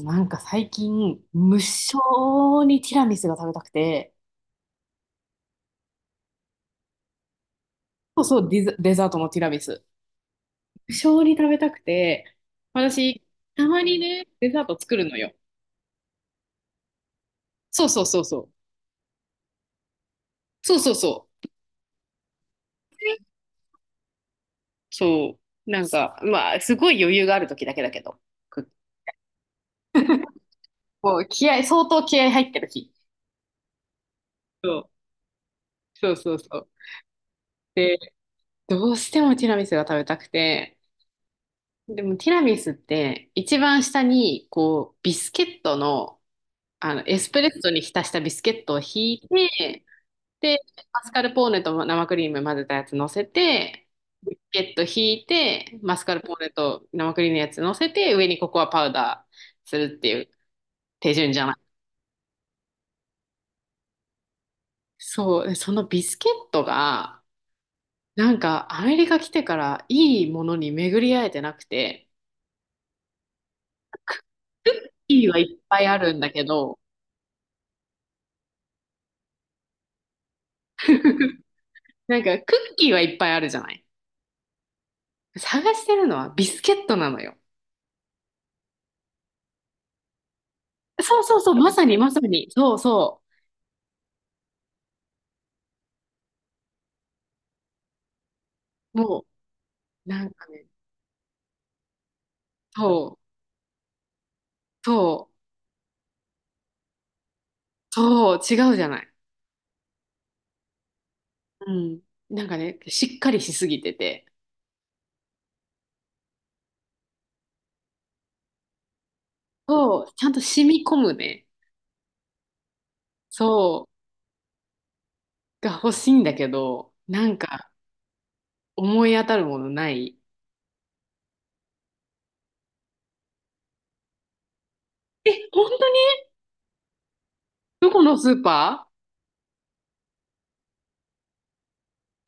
なんか最近、無性にティラミスが食べたくて、そうそう、デザートのティラミス。無性に食べたくて、私、たまにね、デザート作るのよ。そうそうそうそう。そうそうそう。そう。なんか、まあ、すごい余裕がある時だけだけど。くこう、相当気合入ってる日。そう、そうそうそう。で、どうしてもティラミスが食べたくて、でもティラミスって、一番下に、こう、ビスケットの、エスプレッソに浸したビスケットをひいて、で、マスカルポーネと生クリーム混ぜたやつ乗せて、ビスケットひいて、マスカルポーネと生クリームのやつ乗せて、上にココアパウダーするっていう手順じゃない。そう、でそのビスケットが、なんかアメリカ来てからいいものに巡り合えてなくて、いいはいっぱいあるんだけど、なんかクッキーはいっぱいあるじゃない。探してるのはビスケットなのよ。そうそうそう、まさにまさに。そうそう。もう、なんかね、そう、そう、そう、違うじゃない。うん。なんかね、しっかりしすぎてて、そう、ちゃんと染み込むね、そう、が欲しいんだけど、なんか思い当たるものない。え、本当に？どこのスーパ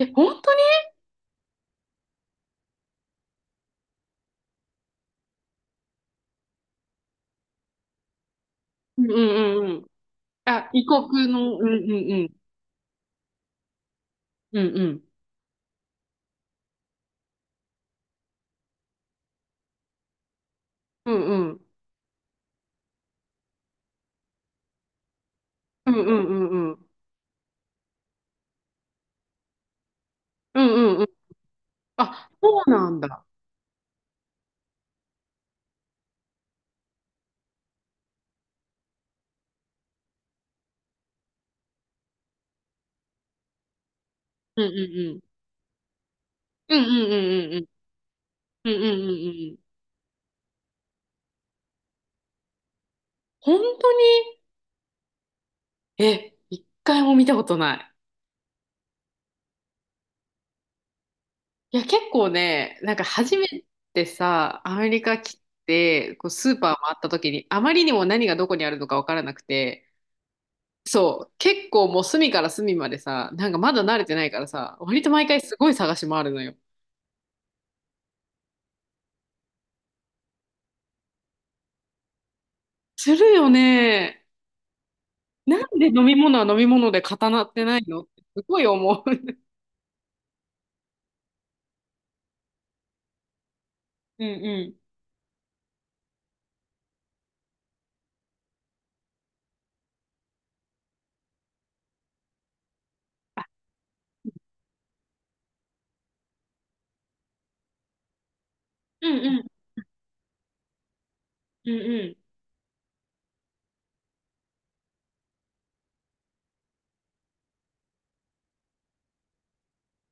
ー？え、本当に？うんうんうんうん。あ、異国の、うんうんうん。うんうん。うんうん。うんうんうんうん。うんうんうん。あ、そうなんだ。うんうんうん。うんうんうんうんうんうんうんうん。本当に？え、一回も見たことない。いや、結構ね、なんか初めてさ、アメリカ来て、こうスーパー回った時に、あまりにも何がどこにあるのかわからなくて、そう、結構もう隅から隅までさ、なんかまだ慣れてないからさ、割と毎回すごい探し回るのよ。するよね。なんで飲み物は飲み物で固まってないのってすごい思う。うんうん。うんうん。うんうん。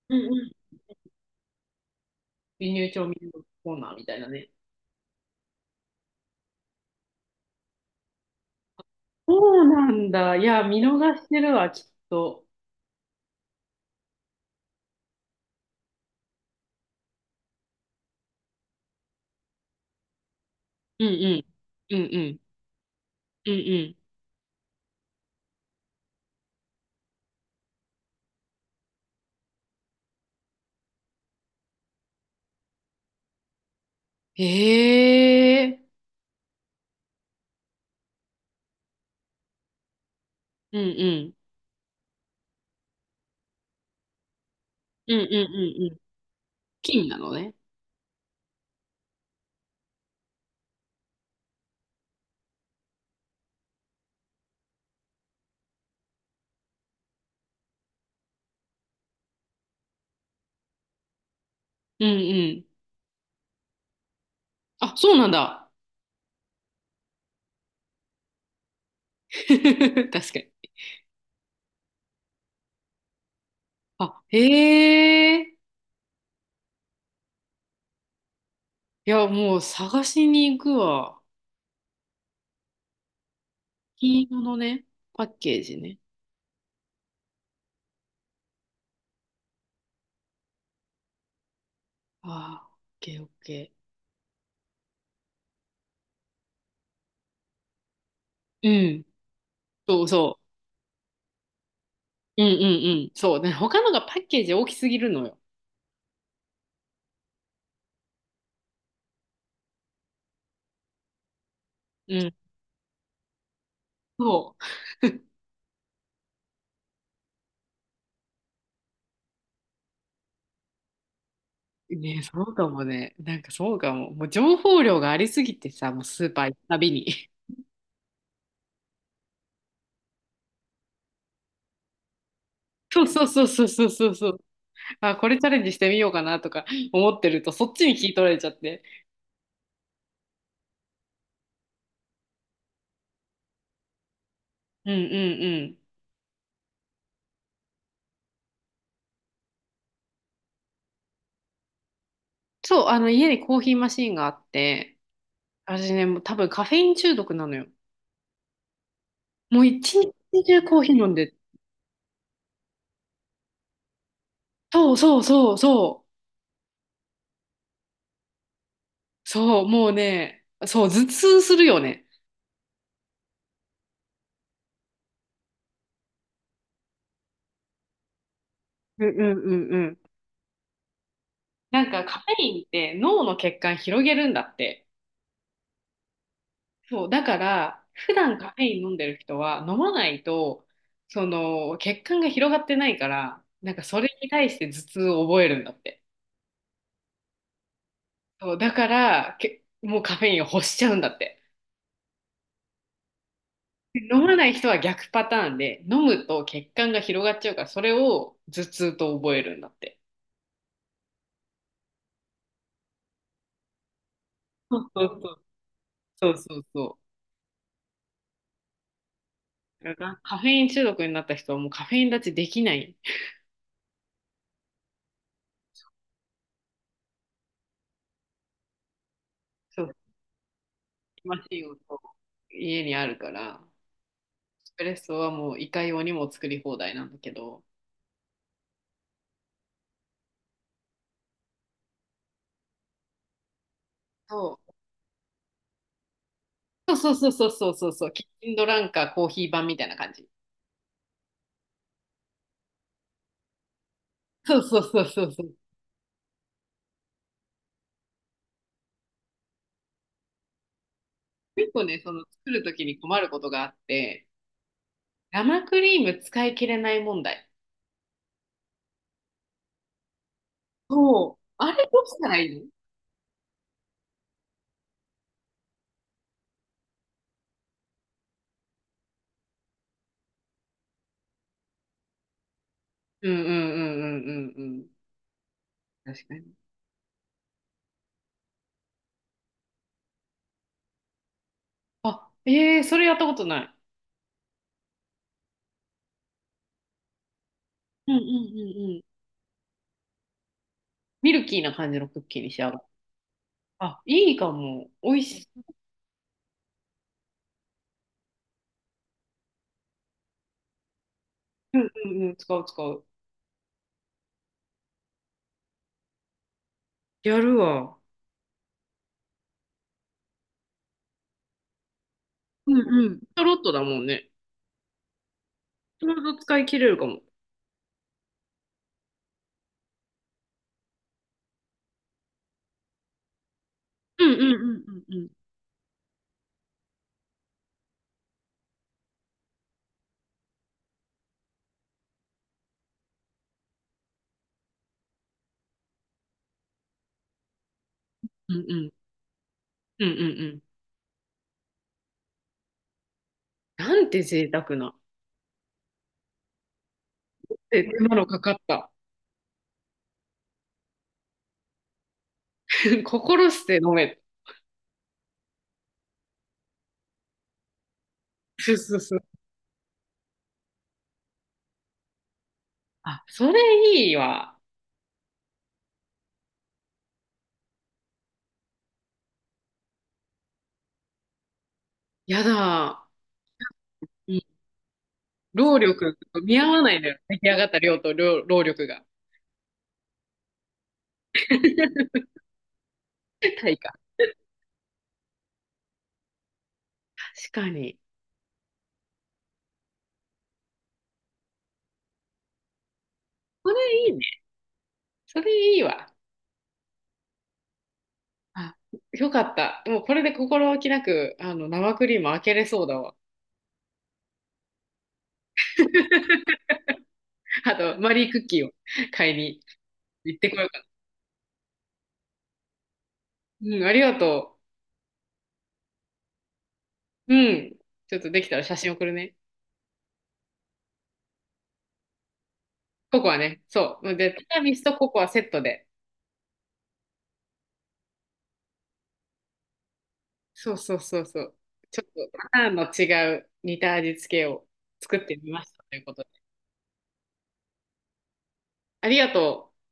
うんうん。輸入調味料コーナーみたいなね。そうなんだ。いや、見逃してるわ、きっと。うんうん。うんうん。うんうん。へえ。うんうん。うんうんうんうん。金なのね。うんうん。あ、そうなんだ。確かに。あ、へえ。いや、もう探しに行くわ。金色のね、パッケージね。ああ、オッケーオッケー。うん。そうそう。うんうんうん。そう。で、他のがパッケージ大きすぎるのよ。うん。そう。ね、そうかもね。なんかそうかも。もう情報量がありすぎてさ、もうスーパー行くたびに。そうそうそうそうそうそうそう。あ、これチャレンジしてみようかなとか思ってると、そっちに聞い取られちゃって。うんうんうん。そう、あの家にコーヒーマシーンがあって、私ね、もう多分カフェイン中毒なのよ。もう一日中コーヒー飲んで、そうそうそうそう、そう、もうね、そう、頭痛するよね。うんうんうんうん。なんかカフェインって脳の血管広げるんだって。そう、だから、普段カフェイン飲んでる人は、飲まないと、その、血管が広がってないから、なんかそれに対して頭痛を覚えるんだって。そう、だから、もうカフェインを欲しちゃうんだって。で飲まない人は逆パターンで、飲むと血管が広がっちゃうから、それを頭痛と覚えるんだって。そうそうそう。そうそうそう。だからカフェイン中毒になった人はもうカフェイン立ちできない。そう、マシンをそう家にあるから。スプレッソはもういかようにも作り放題なんだけど、そうそうそうそうそうそうそう、キッチンドランカーコーヒー版みたいな感じ。そうそうそうそうそう。結構ね、その作るときに困ることがあって、生クリーム使い切れない問題。そう。あれどうしたらいいの？うんうんうんうんうんうん。確かに。あ、ええーそれやったことない。うんうんうんうん。ミルキーな感じのクッキーに仕上がる。あ、いいかも。美味しい。うんうんうん。使う使う。やるわ。うんうん。ちょろっとだもんね。ちょうど使い切れるかも。うんうんうんうんうん。うんうん。うんうんうん。なんて贅沢な。で、手間のかかった。心して飲め。そうそうそう。あ、それいいわ。やだ。うん。労力と見合わないんだよ。出来上がった量と量労力が。対価。確かに。それいいね。それいいわ。あ、よかった。もうこれで心置きなく、生クリーム開けれそうだわ。あと、マリークッキーを買いに。行ってこようかな。うん、ありがとう。うん。ちょっとできたら写真送るね。ココアね。そう。で、ティラミスとココアセットで。そうそうそうそう。ちょっとパターンの違う似た味付けを作ってみましたということで。ありがとう。